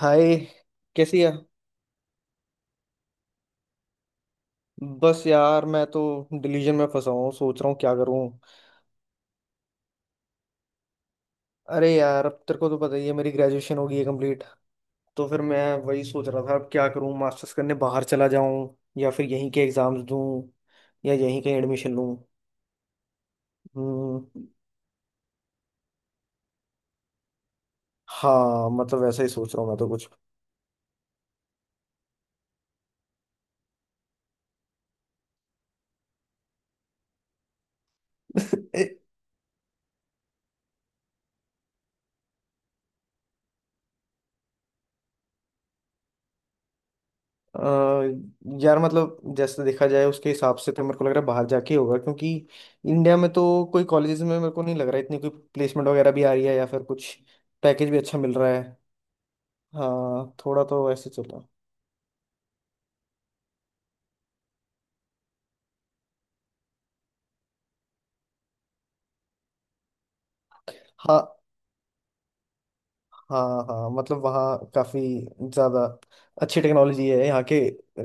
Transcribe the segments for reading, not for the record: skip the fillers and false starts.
हाय। कैसी है? बस यार मैं तो डिलीजन में फंसा हूँ, सोच रहा हूँ क्या करूँ। अरे यार, अब तेरे को तो पता ही है मेरी ग्रेजुएशन हो गई है कंप्लीट। तो फिर मैं वही सोच रहा था अब क्या करूँ, मास्टर्स करने बाहर चला जाऊँ या फिर यहीं के एग्जाम्स दूँ या यहीं कहीं एडमिशन लूँ। हम्म, हाँ मतलब वैसा ही सोच रहा हूँ मैं तो कुछ। अ, यार मतलब जैसे देखा जाए उसके हिसाब से तो मेरे को लग रहा है बाहर जाके ही होगा क्योंकि इंडिया में तो कोई कॉलेजेस में मेरे को नहीं लग रहा है इतनी कोई प्लेसमेंट वगैरह भी आ रही है या फिर कुछ पैकेज भी अच्छा मिल रहा है। हाँ थोड़ा तो ऐसे चल रहा है। हाँ, हाँ हाँ मतलब वहाँ काफ़ी ज़्यादा अच्छी टेक्नोलॉजी है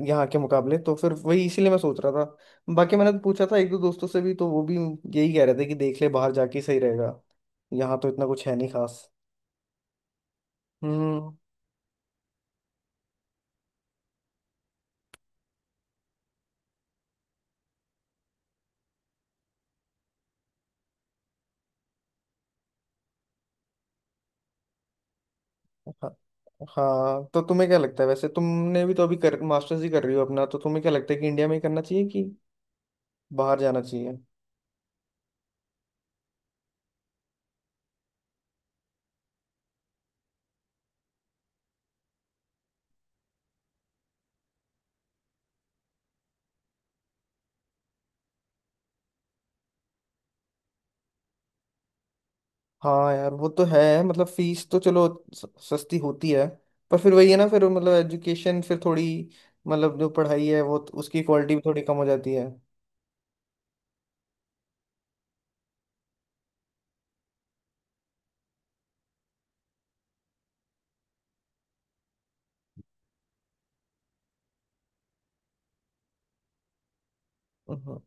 यहाँ के मुकाबले। तो फिर वही इसीलिए मैं सोच रहा था। बाकी मैंने तो पूछा था एक दो दोस्तों से भी, तो वो भी यही कह रहे थे कि देख ले बाहर जाके ही सही रहेगा, यहाँ तो इतना कुछ है नहीं खास। हम्म। हाँ हाँ, तो तुम्हें क्या लगता है वैसे? तुमने भी तो अभी कर मास्टर्स ही कर रही हो अपना, तो तुम्हें क्या लगता है कि इंडिया में ही करना चाहिए कि बाहर जाना चाहिए? हाँ यार वो तो है, मतलब फीस तो चलो स- सस्ती होती है, पर फिर वही है ना, फिर मतलब एजुकेशन फिर थोड़ी, मतलब जो पढ़ाई है वो तो उसकी क्वालिटी भी थोड़ी कम हो जाती है। हम्म,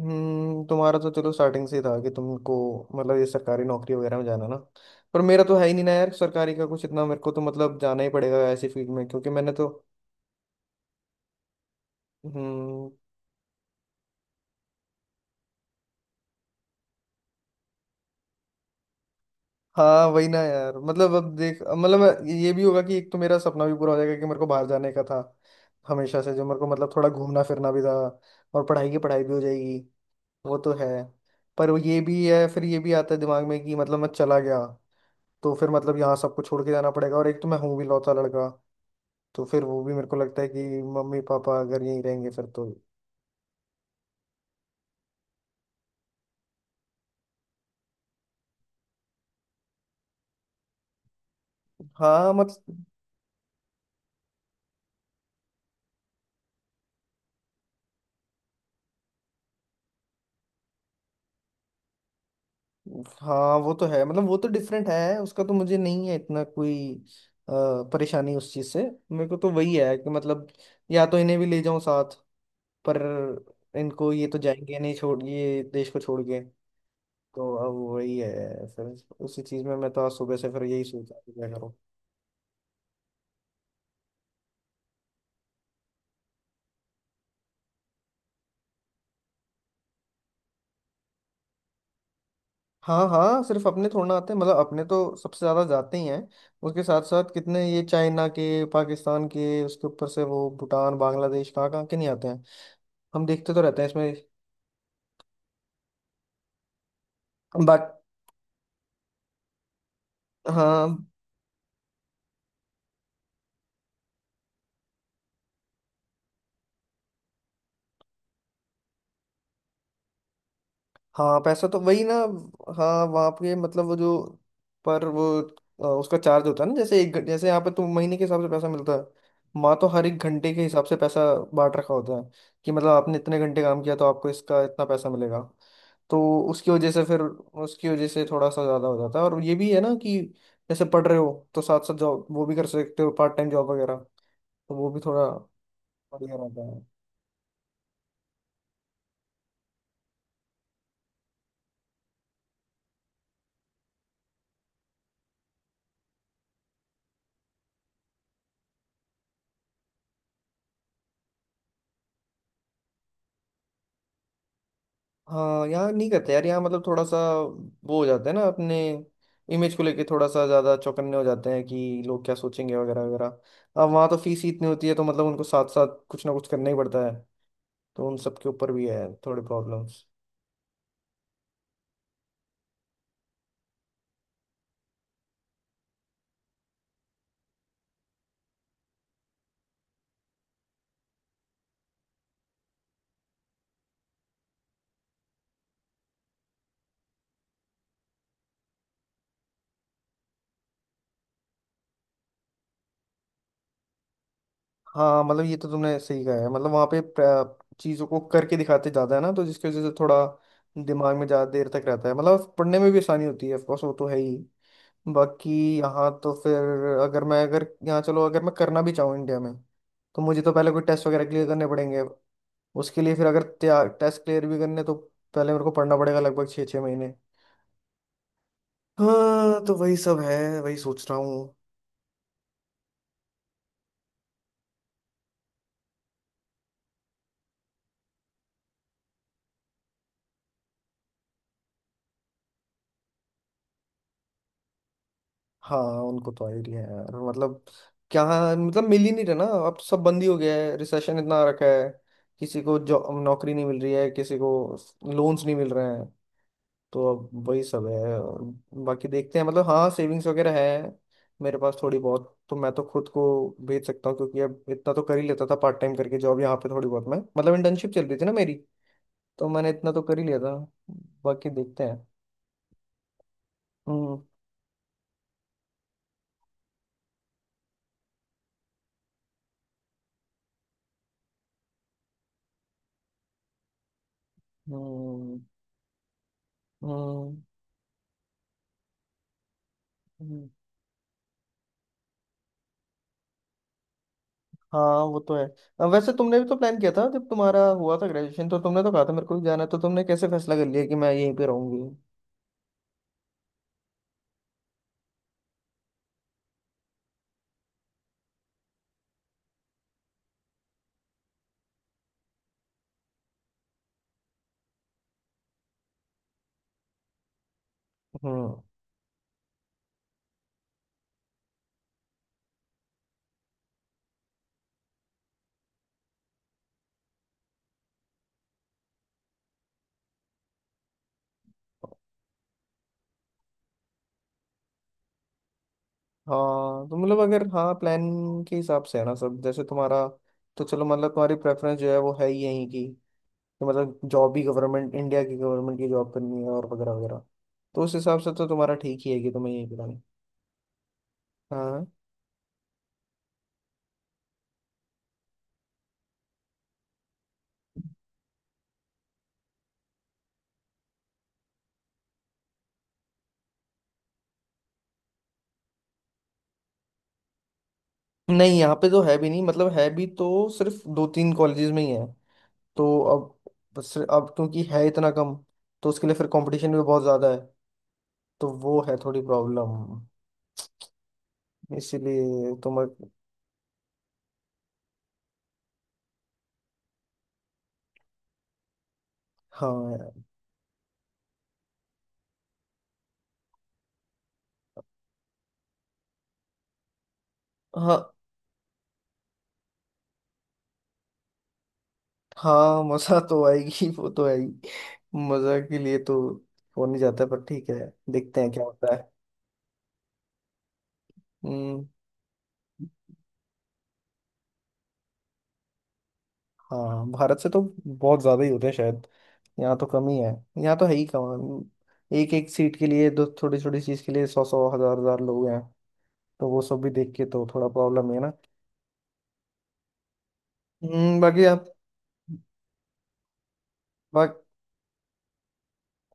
तुम्हारा तो चलो स्टार्टिंग से ही था कि तुमको मतलब ये सरकारी नौकरी वगैरह में जाना ना, पर मेरा तो है ही नहीं ना यार सरकारी का कुछ इतना, मेरे को तो मतलब जाना ही पड़ेगा ऐसी फील्ड में क्योंकि मैंने तो। हम्म। हाँ वही ना यार, मतलब अब देख, मतलब मैं- ये भी होगा कि एक तो मेरा सपना भी पूरा हो जाएगा कि मेरे को बाहर जाने का था हमेशा से, जो मेरे को मतलब थोड़ा घूमना फिरना भी था और पढ़ाई की पढ़ाई भी हो जाएगी, वो तो है। पर वो ये भी है फिर, ये भी आता है दिमाग में कि मतलब मैं चला गया तो फिर मतलब यहाँ सब कुछ छोड़ के जाना पड़ेगा और एक तो मैं हूँ भी लौता लड़का, तो फिर वो भी मेरे को लगता है कि मम्मी पापा अगर यहीं रहेंगे फिर तो। हाँ मत, हाँ वो तो है, मतलब वो तो डिफरेंट है, उसका तो मुझे नहीं है इतना कोई अ, परेशानी उस चीज से। मेरे को तो वही है कि मतलब या तो इन्हें भी ले जाऊं साथ, पर इनको ये तो जाएंगे नहीं छोड़, ये देश को छोड़ के। तो अब वही है फिर, उसी चीज में मैं तो आज सुबह से फिर यही सोच रहा था क्या करूं। हाँ हाँ, सिर्फ अपने थोड़ा ना आते हैं, मतलब अपने तो सबसे ज्यादा जाते ही हैं, उसके साथ साथ कितने ये चाइना के, पाकिस्तान के, उसके ऊपर से वो भूटान, बांग्लादेश, कहाँ कहाँ के नहीं आते हैं, हम देखते तो रहते हैं इसमें। बाक, हाँ हाँ, पैसा तो वही ना, हाँ वहाँ पे मतलब वो जो, पर वो उसका चार्ज होता है ना, जैसे एक घं- जैसे यहाँ पे तो महीने के हिसाब से पैसा मिलता है, वहाँ तो हर एक घंटे के हिसाब से पैसा बांट रखा होता है कि मतलब आपने इतने घंटे काम किया तो आपको इसका इतना पैसा मिलेगा। तो उसकी वजह से फिर, उसकी वजह से थोड़ा सा ज़्यादा हो जाता है और ये भी है ना कि जैसे पढ़ रहे हो तो साथ साथ जॉब वो भी कर सकते हो, पार्ट टाइम जॉब वगैरह, तो वो भी थोड़ा बढ़िया रहता। हाँ यहाँ नहीं करते यार, यहाँ मतलब थोड़ा सा वो हो जाता है ना अपने इमेज को लेके, थोड़ा सा ज़्यादा चौकन्ने हो जाते हैं कि लोग क्या सोचेंगे वगैरह वगैरह। अब वहाँ तो फीस ही इतनी होती है तो मतलब उनको साथ साथ कुछ ना कुछ करना ही पड़ता है, तो उन सब के ऊपर भी है थोड़े प्रॉब्लम्स। हाँ मतलब ये तो तुमने सही कहा है, मतलब वहाँ पे प्र- चीज़ों को करके दिखाते ज़्यादा है ना, तो जिसकी वजह से थोड़ा दिमाग में ज़्यादा देर तक रहता है, मतलब पढ़ने में भी आसानी होती है, ऑफकोर्स वो तो है ही। बाकी यहाँ तो फिर अगर मैं, अगर यहाँ चलो अगर मैं करना भी चाहूँ इंडिया में, तो मुझे तो पहले कोई टेस्ट वगैरह क्लियर करने पड़ेंगे, उसके लिए फिर अगर टेस्ट क्लियर भी करने तो पहले मेरे को पढ़ना पड़ेगा लगभग छः छः महीने। हाँ तो वही सब है, वही सोच रहा हूँ। हाँ उनको तो आइडिया है यार, मतलब क्या, मतलब मिल ही नहीं रहा ना, अब तो सब बंद ही हो गया है, रिसेशन इतना आ रखा है, किसी को जॉब नौकरी नहीं मिल रही है, किसी को लोन्स नहीं मिल रहे हैं, तो अब वही सब है। और बाकी देखते हैं, मतलब हाँ सेविंग्स वगैरह है मेरे पास थोड़ी बहुत, तो मैं तो खुद को भेज सकता हूँ क्योंकि अब इतना तो कर ही लेता था पार्ट टाइम करके जॉब यहाँ पे थोड़ी बहुत, मैं मतलब इंटर्नशिप चल रही थी ना मेरी, तो मैंने इतना तो कर ही लिया था। बाकी देखते हैं। हम्म, हम्म, हम्म, हम्म, हाँ वो तो है। वैसे तुमने भी तो प्लान किया था जब तुम्हारा हुआ था ग्रेजुएशन, तो तुमने तो कहा था मेरे को भी जाना है, तो तुमने कैसे फैसला कर लिया कि मैं यहीं पे रहूंगी? हम्म। हाँ तो मतलब अगर, हाँ प्लान के हिसाब से है ना सब जैसे तुम्हारा, तो चलो मतलब तुम्हारी प्रेफरेंस जो है वो है ही यहीं की, तो मतलब जॉब भी गवर्नमेंट, इंडिया की गवर्नमेंट की जॉब करनी है और वगैरह वगैरह, तो उस हिसाब से तो तुम्हारा ठीक ही है कि तुम्हें यहीं करानी। हाँ नहीं, यहाँ पे तो है भी नहीं, मतलब है भी तो सिर्फ दो तीन कॉलेजेस में ही है, तो अब बस अब क्योंकि है इतना कम तो उसके लिए फिर कंपटीशन भी बहुत ज़्यादा है, तो वो है थोड़ी प्रॉब्लम। इसीलिए तुम, हाँ यार। हाँ हाँ, मजा तो आएगी, वो तो आएगी, मजा के लिए तो हो नहीं जाता, पर ठीक है, देखते हैं क्या होता है। हम्म। हाँ भारत से तो बहुत ज्यादा ही होते हैं शायद, यहाँ तो कम ही है, यहाँ तो है ही कम, एक एक सीट के लिए दो थोड़ी छोटी चीज के लिए सौ सौ हजार हजार लोग हैं, तो वो सब भी देख के तो थोड़ा प्रॉब्लम है ना। हम्म, बाकी आप,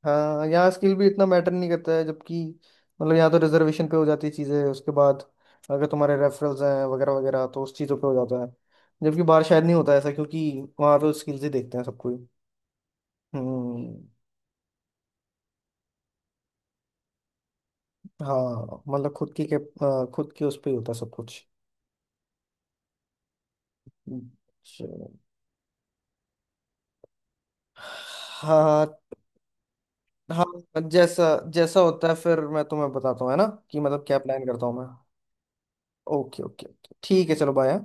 हाँ यहाँ स्किल भी इतना मैटर नहीं करता है जबकि, मतलब यहाँ तो रिजर्वेशन पे हो जाती है चीज़ें, उसके बाद अगर तुम्हारे रेफरल्स हैं वगैरह वगैरह, तो उस चीज़ों पे हो जाता है, जबकि बाहर शायद नहीं होता ऐसा क्योंकि वहाँ तो स्किल्स ही देखते हैं सब कोई। हम्म। हाँ मतलब खुद की के खुद की उस पे ही होता है सब कुछ। चलो। हाँ हाँ, जैसा, जैसा होता है फिर मैं तुम्हें बताता हूँ है ना, कि मतलब क्या प्लान करता हूँ मैं। Okay okay. ठीक है चलो, बाय।